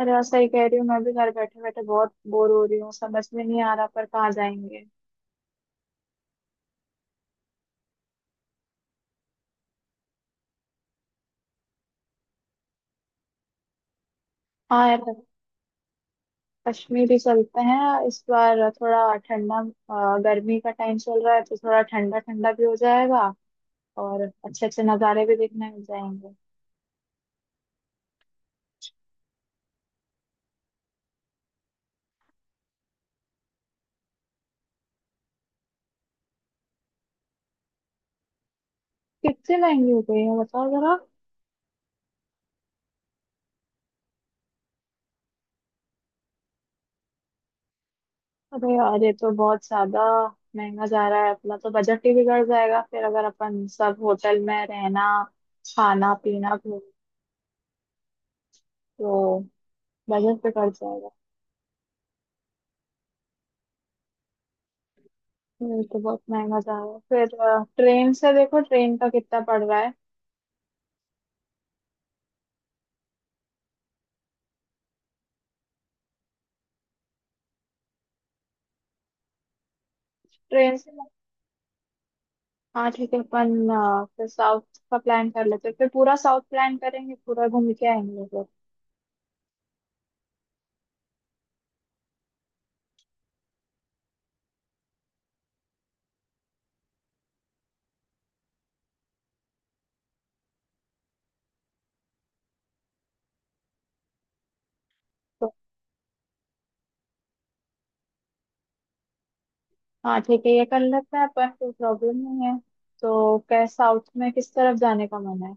अरे यार, सही कह रही हूँ। मैं भी घर बैठे बैठे बहुत बोर हो रही हूँ। समझ में नहीं आ रहा पर कहाँ जाएंगे? हाँ यार, कश्मीर ही चलते हैं इस बार। थोड़ा ठंडा, गर्मी का टाइम चल रहा है तो थोड़ा ठंडा ठंडा भी हो जाएगा और अच्छे अच्छे नज़ारे भी देखने मिल जाएंगे। कितने महंगी हो गई है, बताओ जरा। अरे यार, ये तो बहुत ज्यादा महंगा जा रहा है। अपना तो बजट ही बिगड़ जाएगा फिर, अगर अपन सब होटल में रहना, खाना पीना भी, तो बजट बिगड़ जाएगा। ये तो बहुत महंगा जा रहा है। फिर ट्रेन से देखो, ट्रेन का कितना पड़ रहा है। ट्रेन से। हाँ ठीक है, अपन फिर साउथ का प्लान कर लेते हैं। फिर पूरा साउथ प्लान करेंगे, पूरा घूम के आएंगे फिर। तो हाँ ठीक है, ये कर लेते हैं अपन। कोई प्रॉब्लम नहीं है। तो क्या साउथ में किस तरफ जाने का मन है?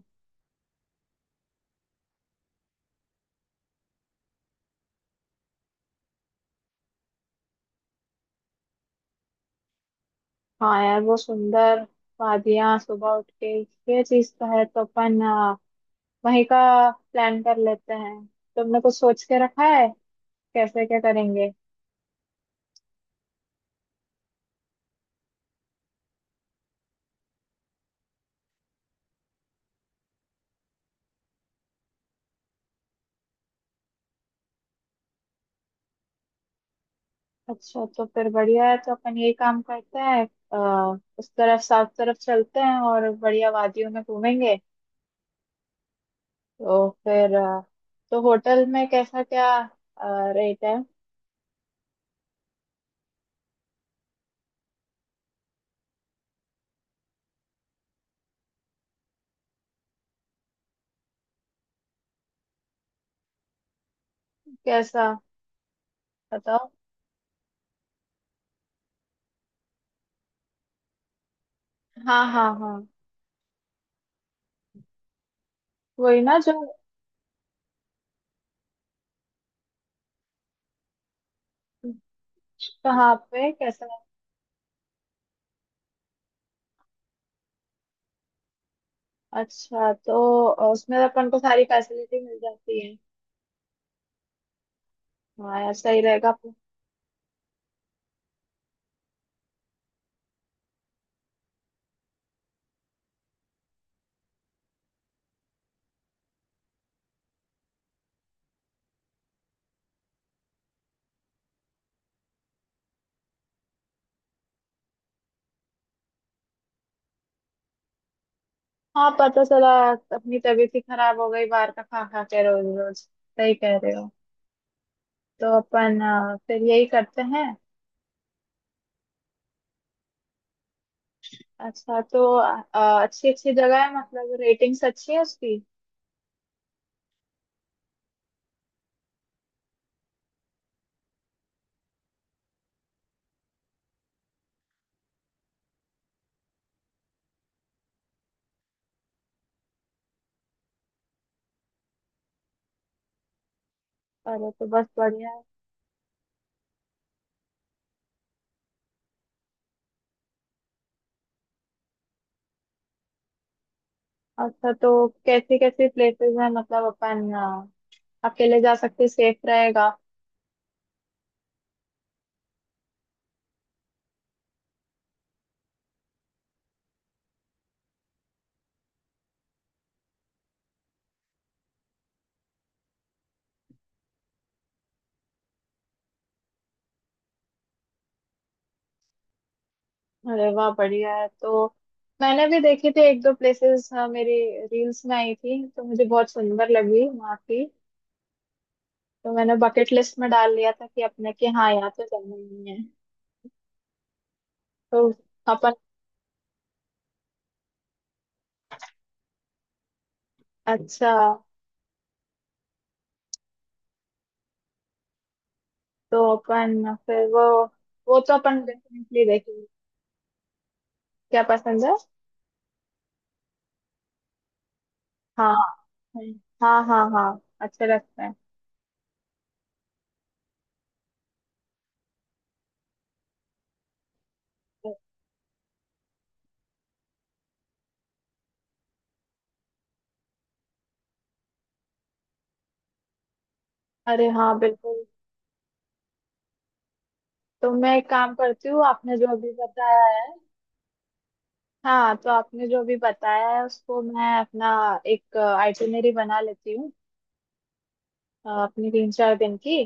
हाँ यार, वो सुंदर वादियाँ, सुबह उठ के ये चीज तो है। तो अपन वहीं का प्लान कर लेते हैं। तुमने कुछ सोच के रखा है? कैसे क्या करेंगे? अच्छा तो फिर बढ़िया है। तो अपन ये काम करते हैं, उस तरफ साउथ तरफ चलते हैं और बढ़िया वादियों में घूमेंगे। तो फिर तो होटल में कैसा क्या रेट है? कैसा, बताओ। हाँ हाँ हाँ, वही ना जो। कहाँ पे कैसा है? अच्छा, तो उसमें अपन को सारी फैसिलिटी मिल जाती है। हाँ यार, सही रहेगा अपन-। हाँ, पता चला अपनी तबीयत ही खराब हो गई बाहर का खा खा के रोज रोज। सही कह रहे हो। तो अपन फिर यही करते हैं। अच्छा तो, अच्छी अच्छी जगह है मतलब? रेटिंग्स अच्छी है उसकी? अरे तो बस बढ़िया है। अच्छा, तो कैसी कैसी प्लेसेस हैं? मतलब अपन अकेले जा सकते, सेफ रहेगा? अरे वाह, बढ़िया है। तो मैंने भी देखी थी एक दो प्लेसेस, मेरी रील्स में आई थी तो मुझे बहुत सुंदर लगी वहाँ की। तो मैंने बकेट लिस्ट में डाल लिया था कि अपने कि हाँ, यहाँ तो जाना ही है। तो अपन। अच्छा। तो अपन फिर वो तो अपन डेफिनेटली देखेंगे। क्या पसंद है? हाँ। हम्म, हाँ हाँ हाँ, अच्छे लगते हैं। अरे हाँ बिल्कुल। तो मैं एक काम करती हूँ, आपने जो अभी बताया है। हाँ, तो आपने जो अभी बताया है उसको मैं अपना एक आइटिनरी बना लेती हूँ, अपनी तीन चार दिन की।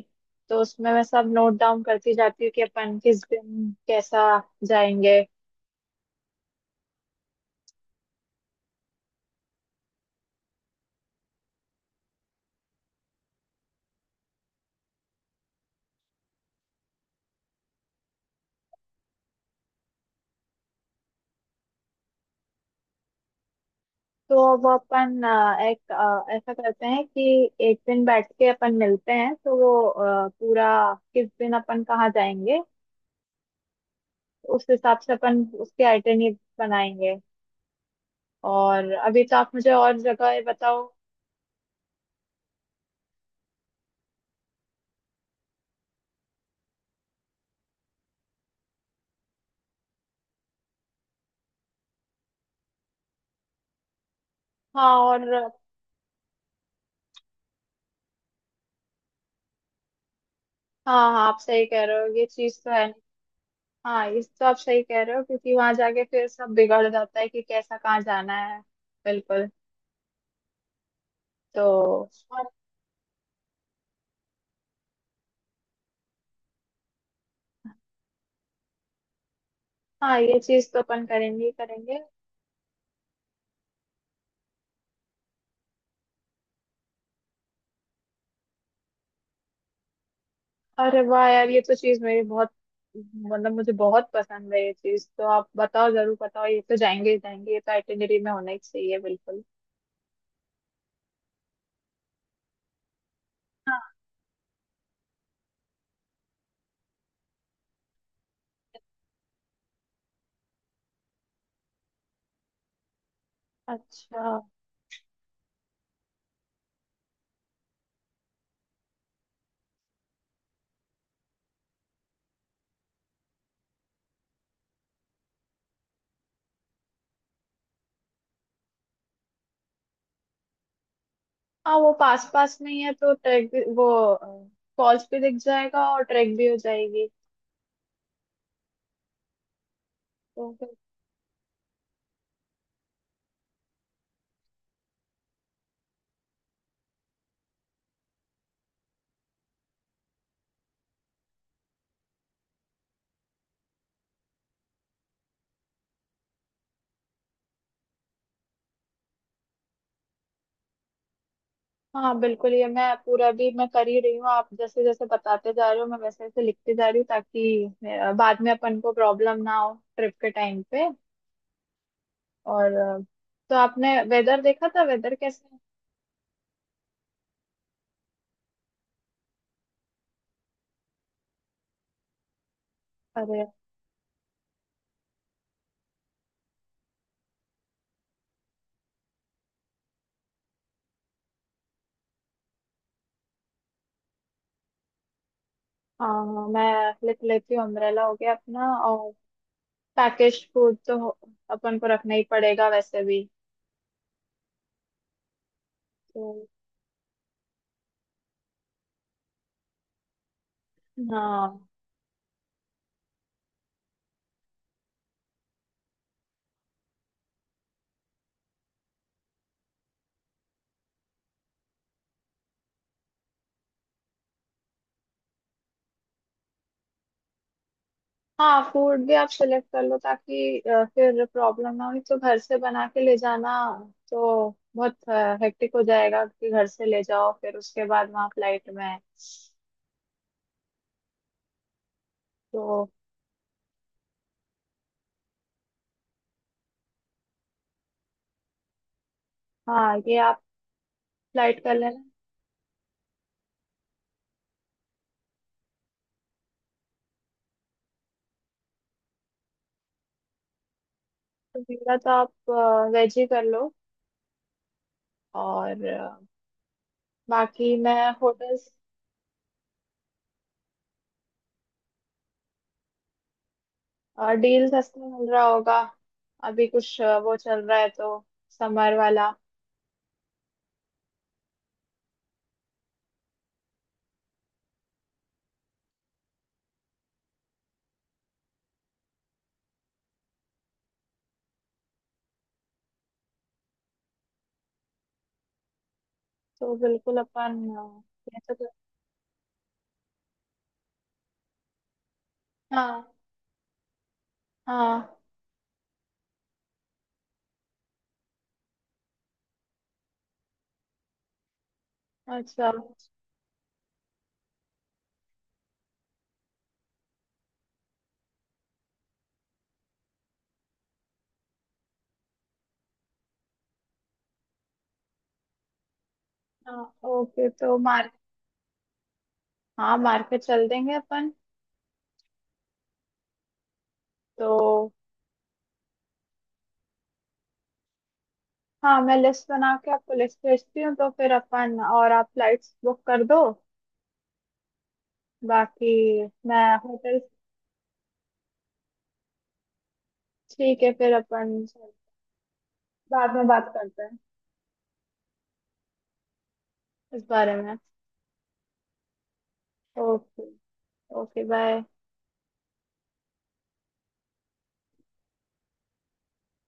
तो उसमें मैं सब नोट डाउन करती जाती हूँ कि अपन किस दिन कैसा जाएंगे। तो अब अपन एक ऐसा करते हैं कि एक दिन बैठ के अपन मिलते हैं, तो वो पूरा, किस दिन अपन कहाँ जाएंगे उस हिसाब से अपन उसके आइटनरी बनाएंगे। और अभी तो आप मुझे और जगह ये बताओ। हाँ, और हाँ। हाँ, आप सही कह रहे हो, ये चीज़ तो है। हाँ, इस तो आप सही कह रहे हो क्योंकि वहां जाके फिर सब बिगड़ जाता है कि कैसा कहाँ जाना है। बिल्कुल। तो। और। हाँ, ये चीज़ तो अपन करेंगे ही करेंगे। अरे वाह यार, ये तो चीज मेरी बहुत, मतलब मुझे बहुत पसंद है। ये चीज तो आप बताओ, जरूर बताओ, ये तो जाएंगे ही जाएंगे। ये तो आइटिनरी में होना ही चाहिए, बिल्कुल। हाँ। अच्छा। हाँ, वो पास पास में ही है, तो ट्रैक भी वो, फॉल्स भी दिख जाएगा और ट्रैक भी हो जाएगी। तो बिल्कुल। हाँ बिल्कुल, ये मैं पूरा भी मैं कर ही रही हूँ। आप जैसे जैसे बताते जा रहे हो, मैं वैसे वैसे लिखते जा रही हूँ, ताकि बाद में अपन को प्रॉब्लम ना हो ट्रिप के टाइम पे। और तो आपने वेदर देखा था? वेदर कैसे है? हाँ, मैं लिख लेती हूँ। अम्ब्रेला हो गया अपना, और पैकेज फूड तो हो-, अपन को रखना ही पड़ेगा वैसे भी। तो हाँ हाँ, फूड भी आप सिलेक्ट कर लो ताकि फिर प्रॉब्लम ना हो। एक तो घर से बना के ले जाना तो बहुत हेक्टिक हो जाएगा कि घर से ले जाओ फिर उसके बाद वहाँ फ्लाइट में है। तो हाँ, ये आप फ्लाइट कर लेना। तो मेरा तो आप वेज ही कर लो, और बाकी मैं होटल्स। और डील सस्ते में मिल रहा होगा? अभी कुछ वो चल रहा है तो, समर वाला। तो बिल्कुल अपन ये तो कर-। हाँ। हाँ। अच्छा। हाँ ओके, तो मार्क। हाँ, मार्केट चल देंगे अपन। तो हाँ, मैं लिस्ट बना के आपको लिस्ट भेजती हूँ, तो फिर अपन और आप फ्लाइट्स बुक कर दो। बाकी मैं होटल। ठीक है, फिर अपन बाद में बात करते हैं इस बारे में। ओके। Okay bye.